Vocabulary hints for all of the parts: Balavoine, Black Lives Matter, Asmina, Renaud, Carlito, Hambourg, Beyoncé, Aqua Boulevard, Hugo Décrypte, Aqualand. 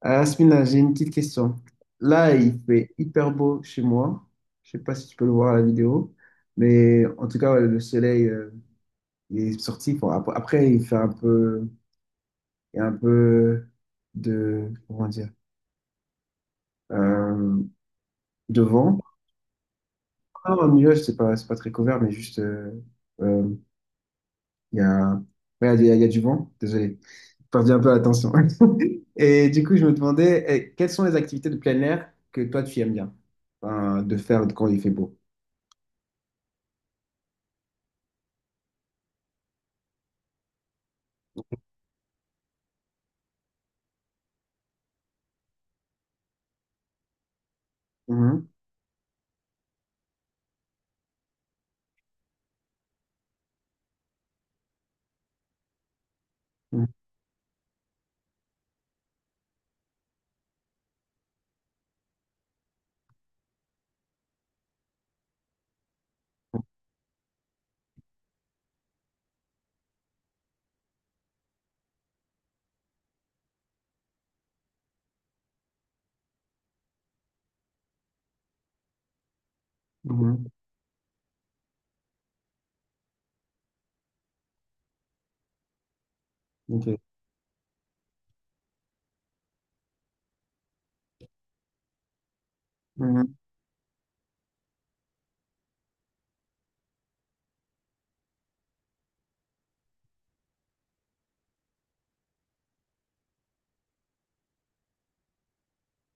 Ah, Asmina, j'ai une petite question. Là, il fait hyper beau chez moi. Je sais pas si tu peux le voir à la vidéo, mais en tout cas, ouais, le soleil il est sorti. Bon, après, il fait un peu, il y a un peu de, comment dire, euh, de vent. Ah, un nuage, c'est pas très couvert, mais juste, euh, il y a, ouais, il y a du vent. Désolé, j'ai perdu un peu l'attention. Et du coup, je me demandais, eh, quelles sont les activités de plein air que toi, tu aimes bien, de faire quand il fait beau? Mhm, mhm, mhm. Ok. Mhm,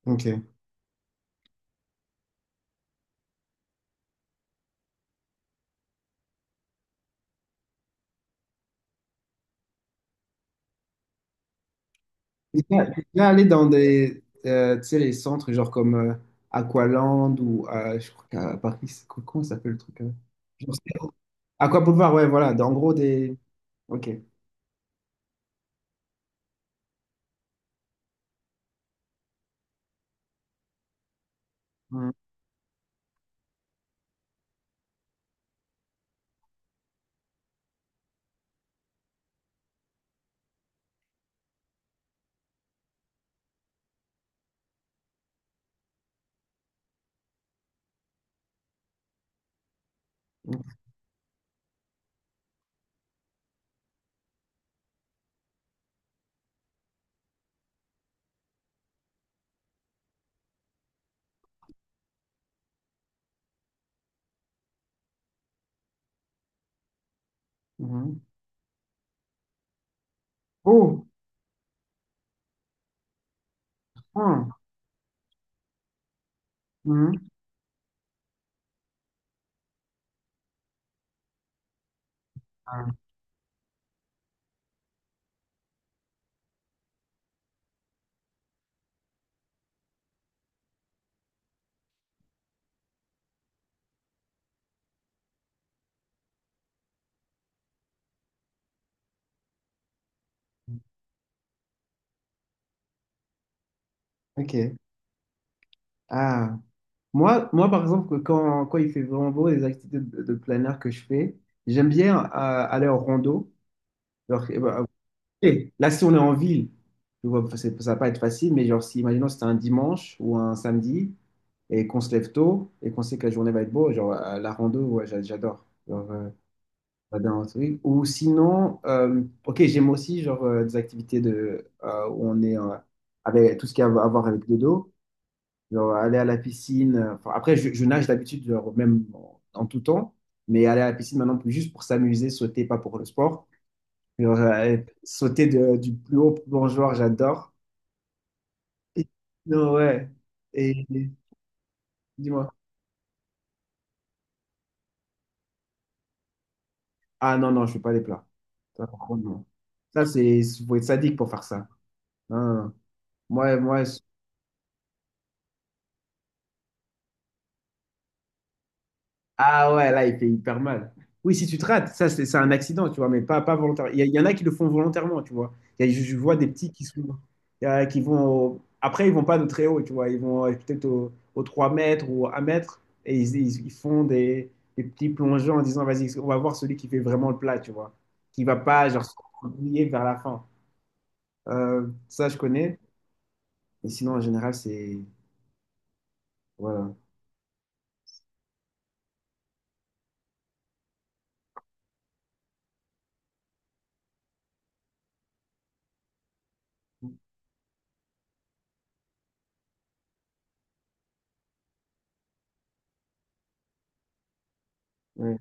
ok. T'es déjà allé dans des, tu sais, les centres genre comme Aqualand ou je crois qu'à Paris, comment ça s'appelle le truc? Genre, c'est- Aqua Boulevard, ouais, voilà. En gros, des. Ok. Mhm, mhm. Oh! Ah, mhm. Ah, ok. Ah. Moi, par exemple, quand il fait vraiment beau, les activités de plein air que je fais, j'aime bien aller en rando. Alors, et là, si on est en ville, tu vois, ça va pas être facile, mais genre, si, imaginons, c'était un dimanche ou un samedi et qu'on se lève tôt et qu'on sait que la journée va être beau, genre, la rando, ouais, j'adore. Genre, j'adore un truc. Ou sinon, ok, j'aime aussi, genre, des activités de, où on est avec tout ce qui a à voir avec le dos, genre, aller à la piscine. Enfin, après, je nage d'habitude, genre, même en tout temps, mais aller à la piscine maintenant, plus juste pour s'amuser, sauter, pas pour le sport. Genre, sauter du plus haut plongeoir, j'adore. Et non, ouais. Et dis-moi. Ah non, non, je fais pas les plats. Ça, par contre, non. Ça, c'est, faut être sadique pour faire ça. Non, non, non. Moi, moi, ah ouais, là, il fait hyper mal. Oui, si tu te rates, ça, c'est un accident, tu vois, mais pas, pas volontaire. Il y en a qui le font volontairement, tu vois. Je vois des petits qui sont, qui vont, après, ils vont pas de très haut, tu vois. Ils vont peut-être au 3 mètres ou à 1 mètre et ils font des petits plongeons en disant, vas-y, on va voir celui qui fait vraiment le plat, tu vois. Qui va pas, genre, se rouiller vers la fin. Ça, je connais. Mais sinon, en général, c'est, voilà. Ouais.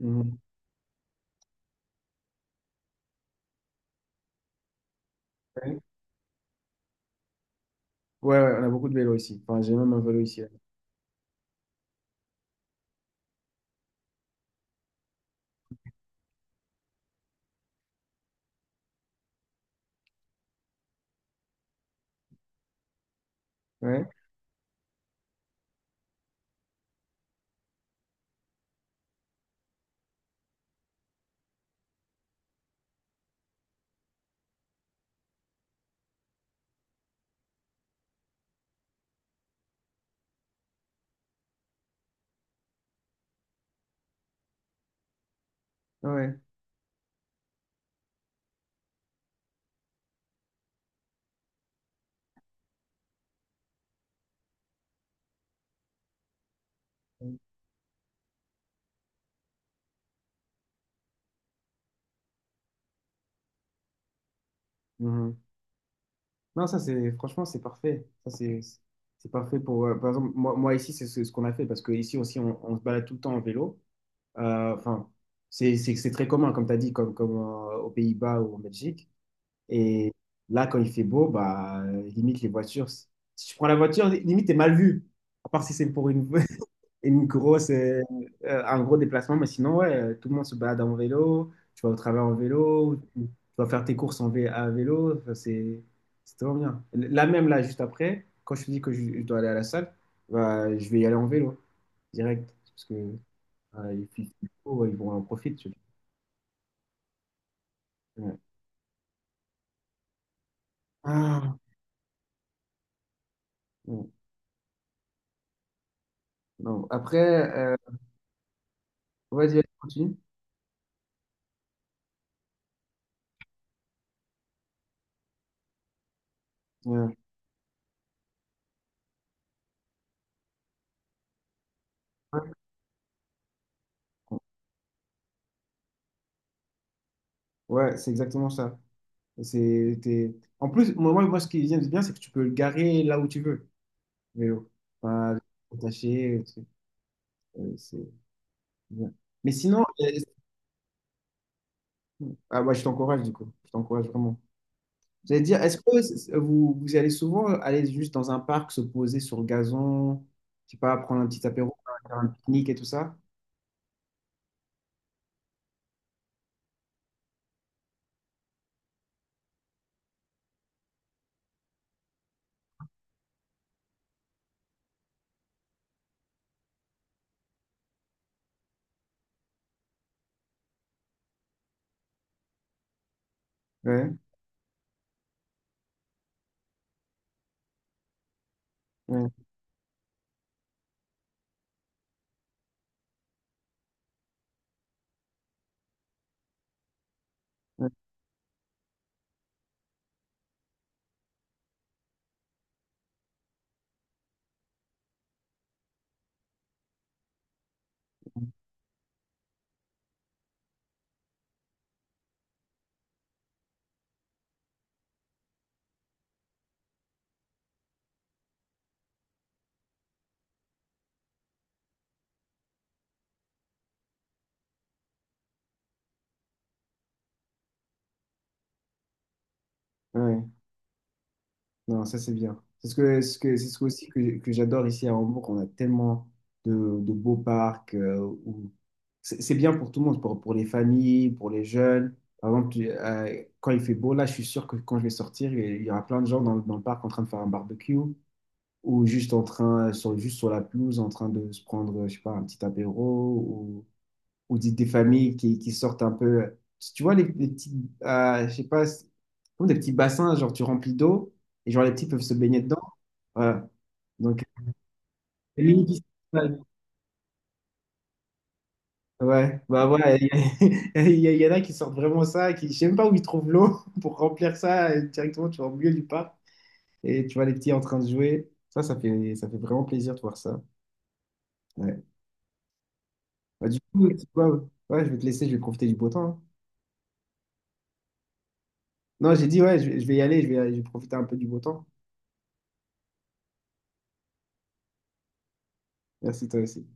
Mhm. Ouais, ouais, on a beaucoup de vélos ici. Enfin, j'ai même un vélo ici. Ouais, ouais. Mhm. Non, ça c'est franchement c'est parfait. Ça c'est parfait pour par exemple moi, moi ici c'est ce, ce qu'on a fait parce que ici aussi on se balade tout le temps en vélo. Enfin c'est très commun comme tu as dit comme aux Pays-Bas ou en Belgique. Et là quand il fait beau bah limite les voitures si tu prends la voiture limite t'es mal vu à part si c'est pour une une grosse, un gros déplacement, mais sinon, ouais, tout le monde se balade en vélo, tu vas au travail en vélo, tu vas faire tes courses à vélo, enfin, c'est vraiment bien. Là même, là, juste après, quand je te dis que je dois aller à la salle, bah, je vais y aller en vélo, direct, parce que il faut, ouais, ils vont en profiter. Tu vois. Ouais. Ah, non. Non. Après, euh, vas-y, vas-y, continue. Ouais, ouais, c'est exactement ça. C'est, t'es- en plus, moi, ce qui vient de bien, c'est que tu peux le garer là où tu veux. Vélo. Pas attaché, le truc. C'est bien. Mais sinon, ah ouais, je t'encourage du coup. Je t'encourage vraiment. J'allais dire, est-ce que c- vous, vous allez souvent aller juste dans un parc, se poser sur le gazon, je sais pas, prendre un petit apéro, faire un pique-nique et tout ça? Ouais, ouais, ouais, ouais. Non, ça c'est bien. C'est ce que, c'est ce que aussi que j'adore ici à Hambourg. On a tellement de beaux parcs où c'est bien pour tout le monde, pour les familles, pour les jeunes. Par exemple, quand il fait beau, là, je suis sûr que quand je vais sortir, il y aura plein de gens dans, dans le parc en train de faire un barbecue ou juste en train, sur, juste sur la pelouse, en train de se prendre, je sais pas, un petit apéro ou des familles qui sortent un peu. Tu vois, les petits, je sais pas, c'est comme des petits bassins, genre tu remplis d'eau et genre les petits peuvent se baigner dedans. Voilà. Donc, oui, ouais, ouais. Bah voilà, il y en a qui sortent vraiment ça, qui, je sais même pas où ils trouvent l'eau pour remplir ça et directement, tu vas au milieu du parc et tu vois les petits en train de jouer. Ça, ça fait vraiment plaisir de voir ça. Ouais. Bah, du coup, tu vois, ouais, je vais te laisser, je vais profiter du beau temps. Hein. Non, j'ai dit, ouais, je vais y aller, je vais profiter un peu du beau temps. Merci, toi aussi.